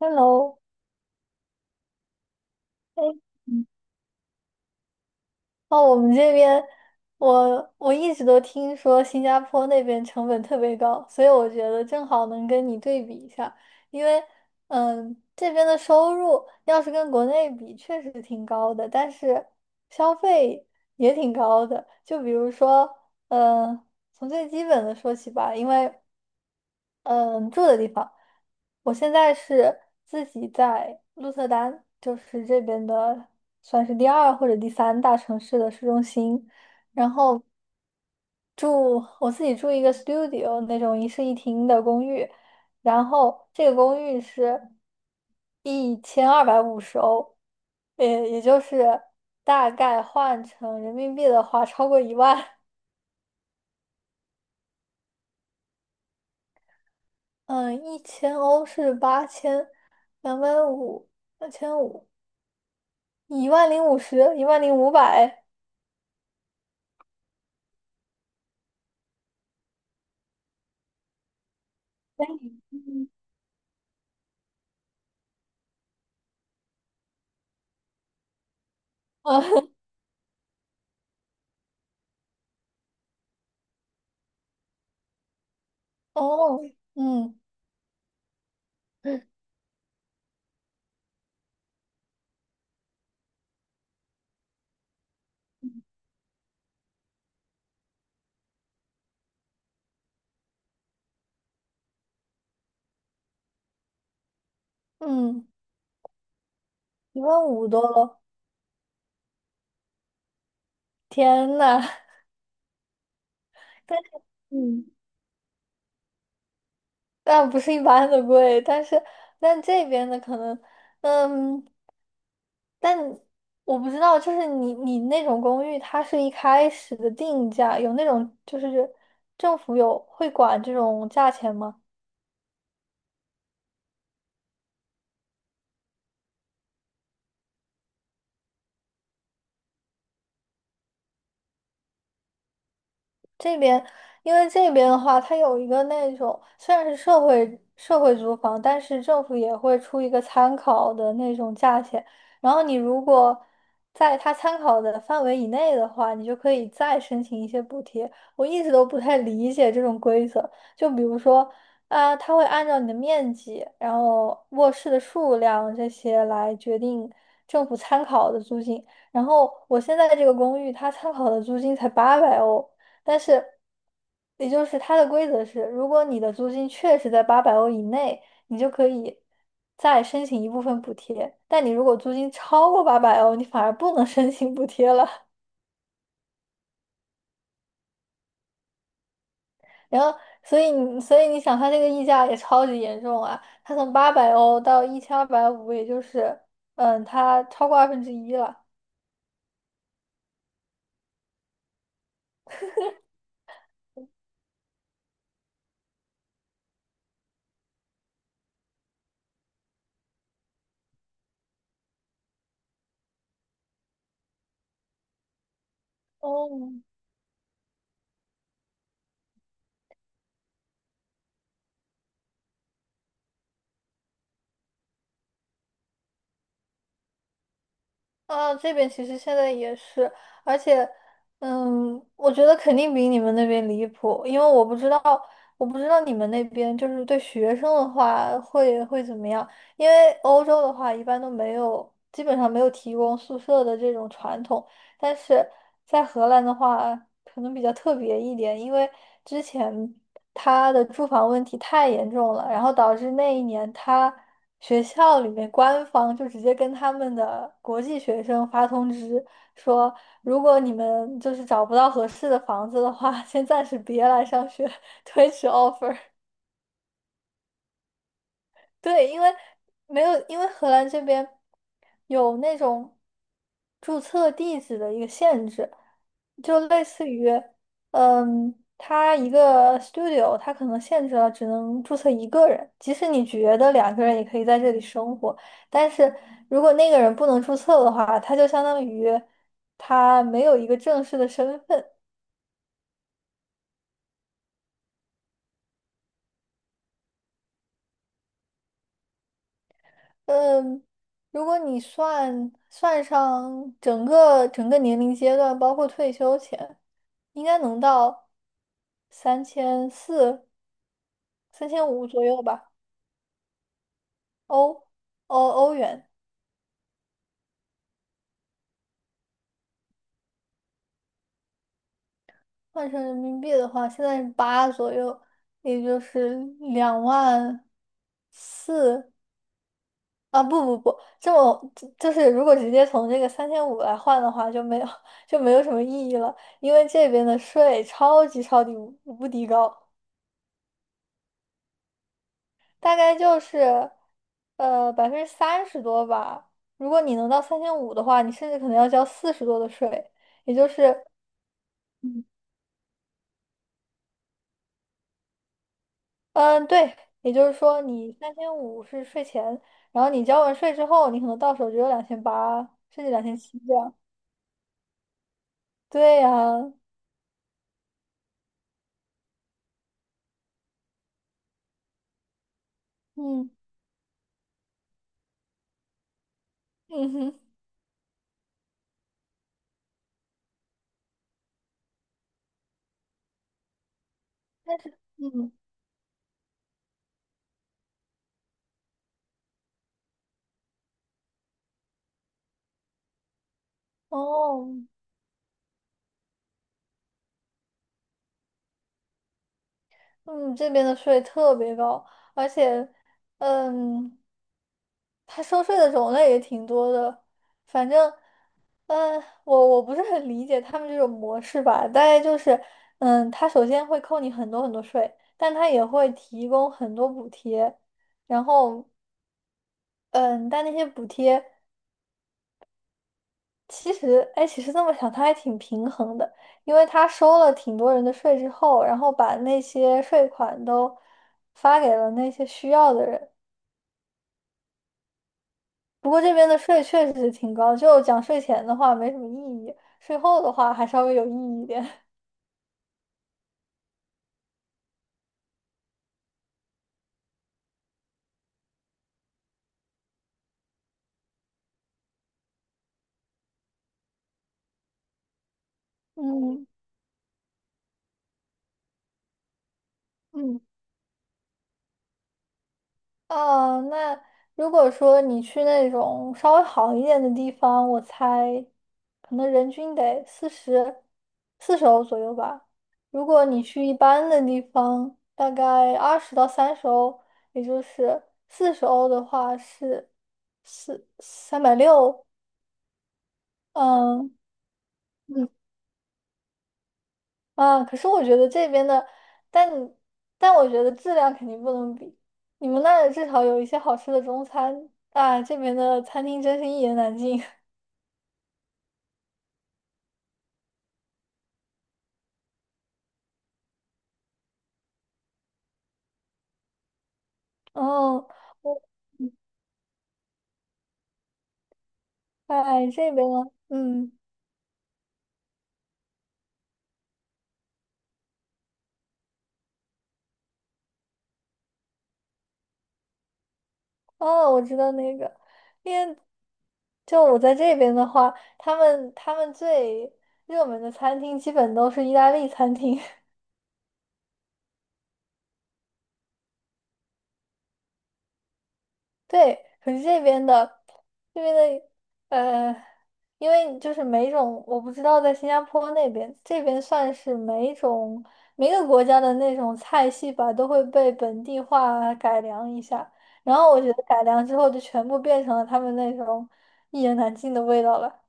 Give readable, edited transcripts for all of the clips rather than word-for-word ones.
Hello。哎，嗯哦，我们这边，我一直都听说新加坡那边成本特别高，所以我觉得正好能跟你对比一下。因为，这边的收入要是跟国内比，确实挺高的，但是消费也挺高的。就比如说，嗯，从最基本的说起吧。因为，嗯，住的地方，我现在是自己在鹿特丹，就是这边的算是第二或者第三大城市的市中心，然后住我自己住一个 studio 那种一室一厅的公寓。然后这个公寓是1250 欧，也就是大概换成人民币的话超过一万。嗯，1000 欧是8250，2500。10,050，10,500。啊，哦，嗯嗯，15,000多了。天呐，但嗯，但不是一般的贵。但是但这边的可能，嗯，但我不知道，就是你那种公寓，它是一开始的定价，有那种就是政府有会管这种价钱吗？这边，因为这边的话，它有一个那种虽然是社会租房，但是政府也会出一个参考的那种价钱。然后你如果在它参考的范围以内的话，你就可以再申请一些补贴。我一直都不太理解这种规则。就比如说，它会按照你的面积，然后卧室的数量这些来决定政府参考的租金。然后我现在这个公寓，它参考的租金才八百欧。但是，也就是它的规则是，如果你的租金确实在八百欧以内，你就可以再申请一部分补贴。但你如果租金超过八百欧，你反而不能 申请补贴了。然后，所以你想，它这个溢价也超级严重啊！它从八百欧到一千二百五，也就是它超过二分之一了。哦。啊，这边其实现在也是。而且，我觉得肯定比你们那边离谱，因为我不知道，我不知道你们那边就是对学生的话会怎么样。因为欧洲的话一般都没有，基本上没有提供宿舍的这种传统，但是在荷兰的话，可能比较特别一点。因为之前他的住房问题太严重了，然后导致那一年他学校里面官方就直接跟他们的国际学生发通知说，如果你们就是找不到合适的房子的话，先暂时别来上学，推迟 offer。对，因为没有，因为荷兰这边有那种注册地址的一个限制，就类似于，他一个 studio,他可能限制了只能注册一个人。即使你觉得两个人也可以在这里生活，但是如果那个人不能注册的话，他就相当于他没有一个正式的身份。嗯，如果你算上整个年龄阶段，包括退休前，应该能到3400、三千五左右吧。欧欧元换成人民币的话，现在是八左右，也就是24,000。啊！不不不，这么就是如果直接从这个三千五来换的话，就没有 就没有什么意义了，因为这边的税超级超级无敌高。大概就是，30% 多吧。如果你能到三千五的话，你甚至可能要交40 多的税，也就是，嗯嗯，对。也就是说你三千五是税前，然后你交完税之后，你可能到手只有2800，甚至2700这样。对呀。嗯，嗯哼。但是嗯哦。嗯，这边的税特别高。而且，嗯，他收税的种类也挺多的。反正，我不是很理解他们这种模式吧。大概就是，他首先会扣你很多很多税，但他也会提供很多补贴。然后，嗯，但那些补贴，其实，哎，其实这么想，他还挺平衡的。因为他收了挺多人的税之后，然后把那些税款都发给了那些需要的人。不过这边的税确实是挺高，就讲税前的话没什么意义，税后的话还稍微有意义一点。嗯嗯。哦，那如果说你去那种稍微好一点的地方，我猜可能人均得四十欧左右吧。如果你去一般的地方，大概20到30 欧，也就是四十欧的话是360。嗯嗯。啊，可是我觉得这边的，但但我觉得质量肯定不能比。你们那儿至少有一些好吃的中餐啊，这边的餐厅真是一言难尽。哦，我哎这边呢。嗯，哦，我知道那个。因为就我在这边的话，他们最热门的餐厅基本都是意大利餐厅。对，可是这边的，这边的呃，因为就是每种我不知道在新加坡那边，这边算是每种每个国家的那种菜系吧，都会被本地化改良一下。然后我觉得改良之后就全部变成了他们那种一言难尽的味道了。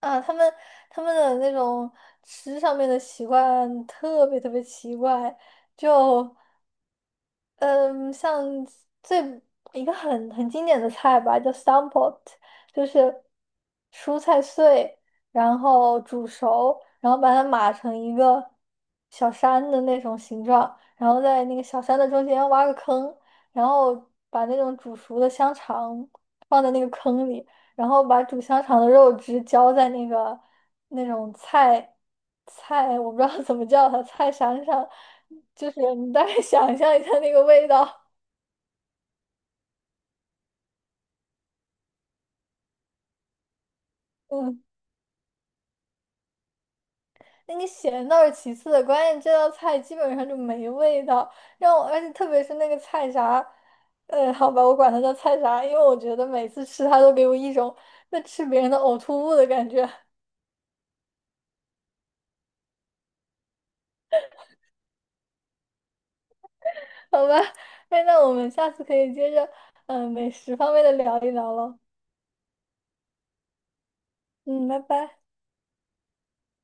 啊！他们的那种吃上面的习惯特别特别奇怪，就，嗯，像最一个很经典的菜吧，叫 stompot,就是蔬菜碎，然后煮熟，然后把它码成一个小山的那种形状，然后在那个小山的中间挖个坑，然后把那种煮熟的香肠放在那个坑里，然后把煮香肠的肉汁浇在那个那种菜，我不知道怎么叫它，菜山上，就是你大概想象一下那个味道。嗯，那个咸倒是其次的，关键这道菜基本上就没味道。让我而且特别是那个菜啥，好吧，我管它叫菜啥，因为我觉得每次吃它都给我一种在吃别人的呕吐物的感觉。好吧，哎，那我们下次可以接着美食方面的聊一聊了。嗯，拜拜。